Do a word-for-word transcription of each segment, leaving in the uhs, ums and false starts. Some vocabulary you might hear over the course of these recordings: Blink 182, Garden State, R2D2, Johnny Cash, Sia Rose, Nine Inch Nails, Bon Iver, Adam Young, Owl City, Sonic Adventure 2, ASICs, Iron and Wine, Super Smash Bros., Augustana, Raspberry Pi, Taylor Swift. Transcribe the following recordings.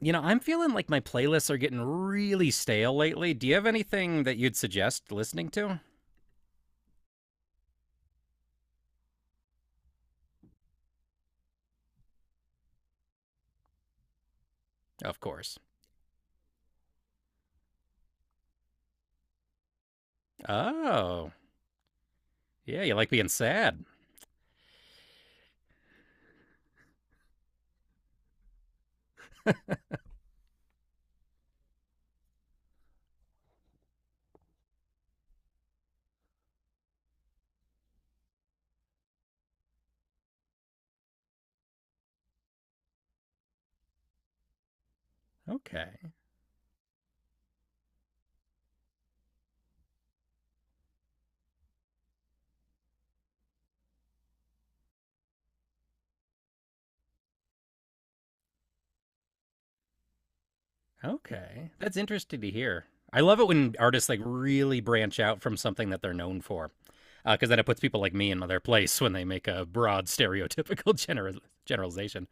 You know, I'm feeling like my playlists are getting really stale lately. Do you have anything that you'd suggest listening to? Of course. Oh, yeah, you like being sad. Okay, okay. That's interesting to hear. I love it when artists like really branch out from something that they're known for, because uh, then it puts people like me in their place when they make a broad stereotypical general generalization.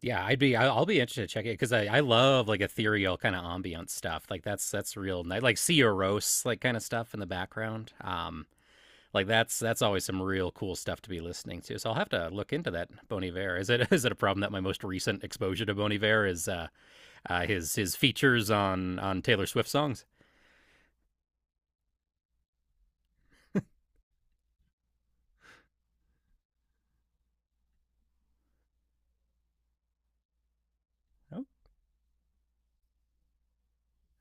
Yeah, I'd be, I- I'll be interested to check it because I, I love like ethereal kind of ambient stuff. Like that's that's real nice, like Sia Rose, like kind of stuff in the background. Um, Like that's that's always some real cool stuff to be listening to. So I'll have to look into that Bon Iver. Is it is it a problem that my most recent exposure to Bon Iver is uh, uh, his his features on on Taylor Swift songs? Oh,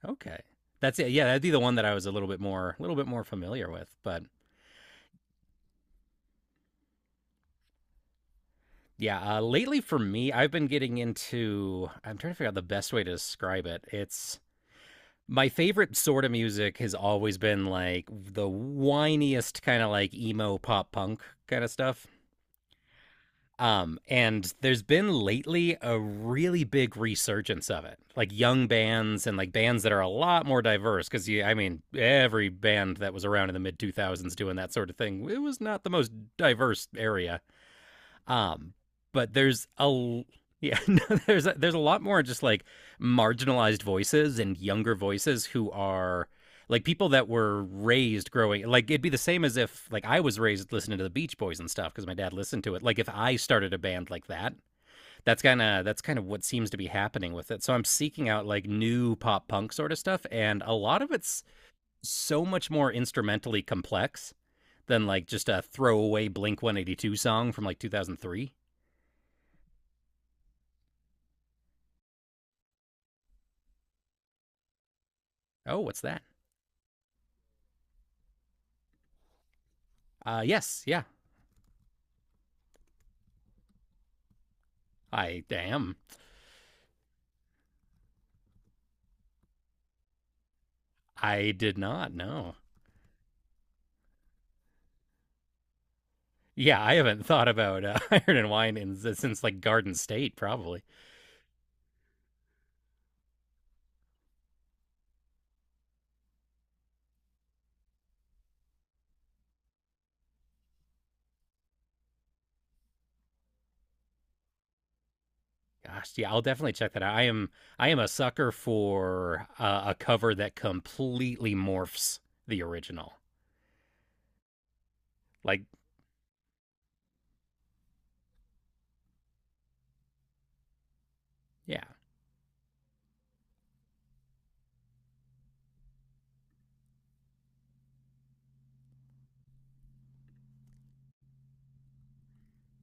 okay, that's it. Yeah, that'd be the one that I was a little bit more a little bit more familiar with. But yeah, uh, lately for me, I've been getting into. I'm trying to figure out the best way to describe it. It's My favorite sort of music has always been like the whiniest kind of like emo pop punk kind of stuff. Um, and there's been lately a really big resurgence of it, like young bands and like bands that are a lot more diverse. Because I mean, every band that was around in the mid two thousands doing that sort of thing, it was not the most diverse area. Um, but there's a Yeah, no, there's a, there's a lot more just like marginalized voices and younger voices who are like people that were raised growing like it'd be the same as if like I was raised listening to the Beach Boys and stuff because my dad listened to it. Like if I started a band like that, that's kind of that's kind of what seems to be happening with it. So I'm seeking out like new pop punk sort of stuff and a lot of it's so much more instrumentally complex than like just a throwaway Blink one eighty-two song from like two thousand three. Oh, what's that? Uh, yes, yeah, I am. I did not know. Yeah, I haven't thought about uh, Iron and Wine in, since like Garden State, probably. Gosh, yeah, I'll definitely check that out. I am, I am a sucker for uh, a cover that completely morphs the original. Like, yeah,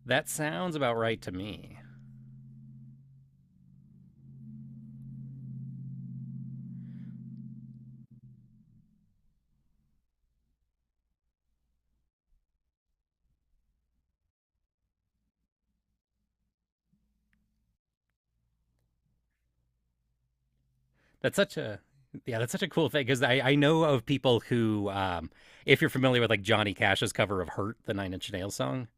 that sounds about right to me. That's such a Yeah, that's such a cool thing because I, I know of people who, um, if you're familiar with like Johnny Cash's cover of "Hurt," the Nine Inch Nails song,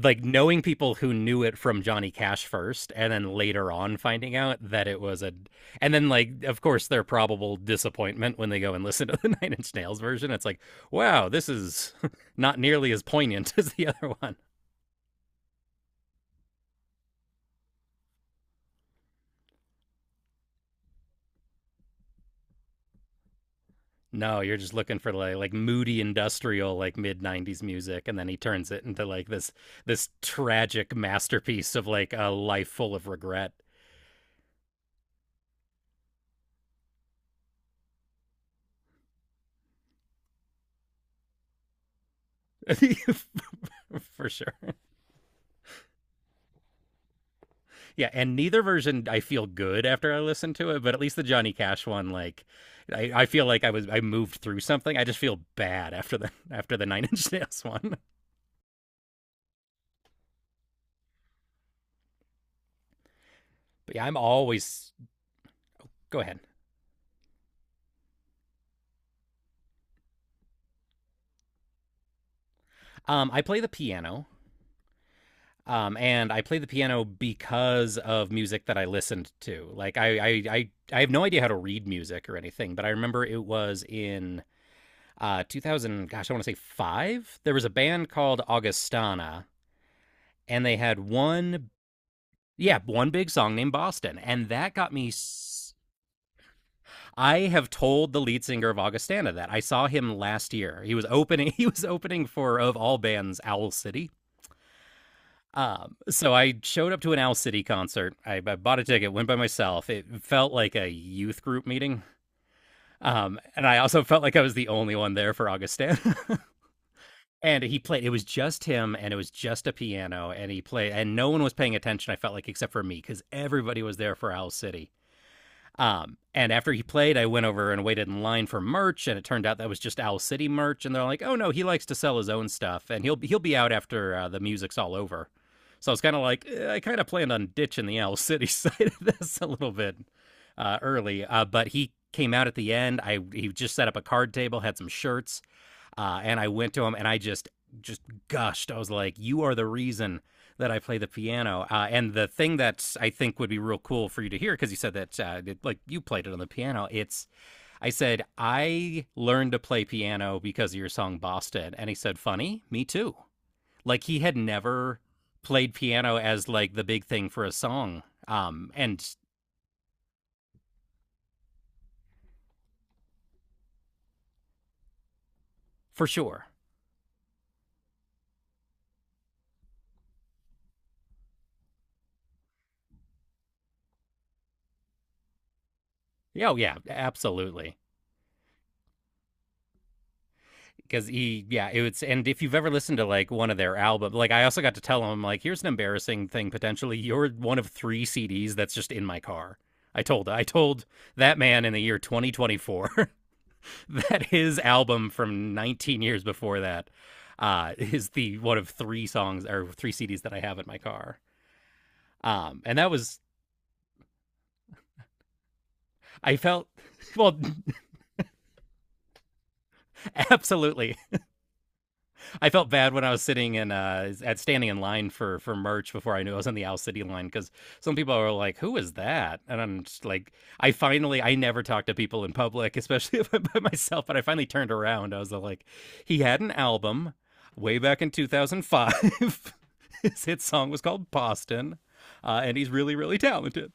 like knowing people who knew it from Johnny Cash first, and then later on finding out that it was a, and then like of course their probable disappointment when they go and listen to the Nine Inch Nails version. It's like, wow, this is not nearly as poignant as the other one. No, you're just looking for like like moody industrial like mid nineties music, and then he turns it into like this this tragic masterpiece of like a life full of regret. For sure. Yeah, and neither version I feel good after I listen to it, but at least the Johnny Cash one, like I, I feel like I was I moved through something. I just feel bad after the after the Nine Inch Nails one. But yeah, I'm always go ahead. Um, I play the piano. Um, and I play the piano because of music that I listened to. Like I, I, I, I have no idea how to read music or anything, but I remember it was in uh, two thousand. Gosh, I want to say five. There was a band called Augustana, and they had one, yeah, one big song named Boston, and that got me. s- I have told the lead singer of Augustana that I saw him last year. He was opening. He was opening for of all bands, Owl City. Um, so I showed up to an Owl City concert. I, I bought a ticket, went by myself. It felt like a youth group meeting. Um, and I also felt like I was the only one there for Augustin. And he played, it was just him and it was just a piano. And he played, and no one was paying attention, I felt like, except for me, because everybody was there for Owl City. Um, and after he played, I went over and waited in line for merch, and it turned out that was just Owl City merch. And they're like, "Oh no, he likes to sell his own stuff, and he'll he'll be out after uh, the music's all over." So I was kind of like, eh, I kind of planned on ditching the Owl City side of this a little bit uh, early, uh, but he came out at the end. I He just set up a card table, had some shirts, uh, and I went to him and I just just gushed. I was like, "You are the reason that I play the piano." Uh, and the thing that I think would be real cool for you to hear, because you said that uh, it, like you played it on the piano. It's I said I learned to play piano because of your song Boston, and he said, "Funny, me too." Like he had never played piano as like the big thing for a song. Um, and for sure, yeah, oh, yeah, absolutely. Because he, yeah, it was. And if you've ever listened to like one of their albums, like I also got to tell him, like, here's an embarrassing thing. Potentially you're one of three C Ds that's just in my car. I told i told that man in the year twenty twenty-four that his album from nineteen years before that uh is the one of three songs or three C Ds that I have in my car. Um and that was, I felt, well, absolutely. I felt bad when I was sitting in uh at standing in line for for merch before I knew I was on the Owl City line because some people are like, "Who is that?" And I'm just like, I finally I never talk to people in public, especially if I'm by myself. But I finally turned around. I was like, he had an album way back in two thousand five. His hit song was called Boston, uh, and he's really really talented.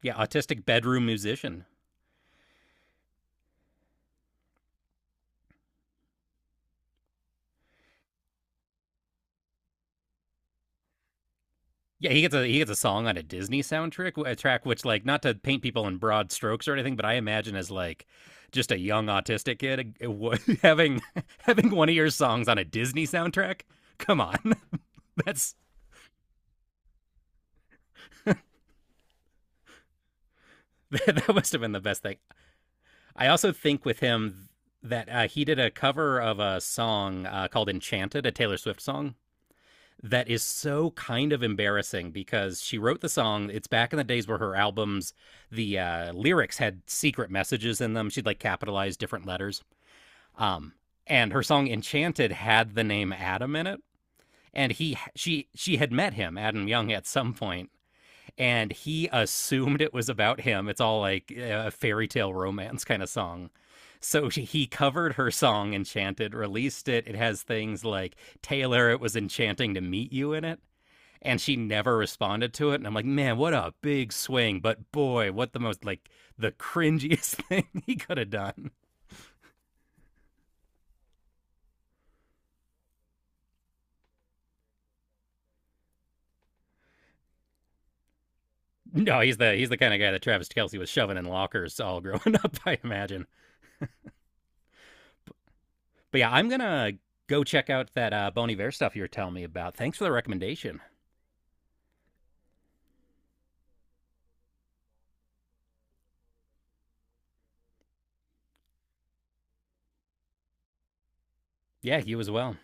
Yeah, autistic bedroom musician. Yeah, he gets a he gets a song on a Disney soundtrack, a track which like not to paint people in broad strokes or anything, but I imagine as like just a young autistic kid having having one of your songs on a Disney soundtrack. Come on, that's that must have been the best thing. I also think with him that uh, he did a cover of a song uh, called "Enchanted," a Taylor Swift song, that is so kind of embarrassing because she wrote the song. It's back in the days where her albums, the uh, lyrics had secret messages in them. She'd like capitalize different letters. Um, and her song Enchanted had the name Adam in it. And he, she, she had met him, Adam Young, at some point, and he assumed it was about him. It's all like a fairy tale romance kind of song. So she- he covered her song Enchanted, released it. It has things like Taylor, it was enchanting to meet you in it. And she never responded to it. And I'm like, man, what a big swing. But boy, what the most like the cringiest thing he could have done. No, he's the he's the kind of guy that Travis Kelsey was shoving in lockers all growing up, I imagine. But yeah, I'm gonna go check out that uh, Bon Iver stuff you were telling me about. Thanks for the recommendation. Yeah, you as well.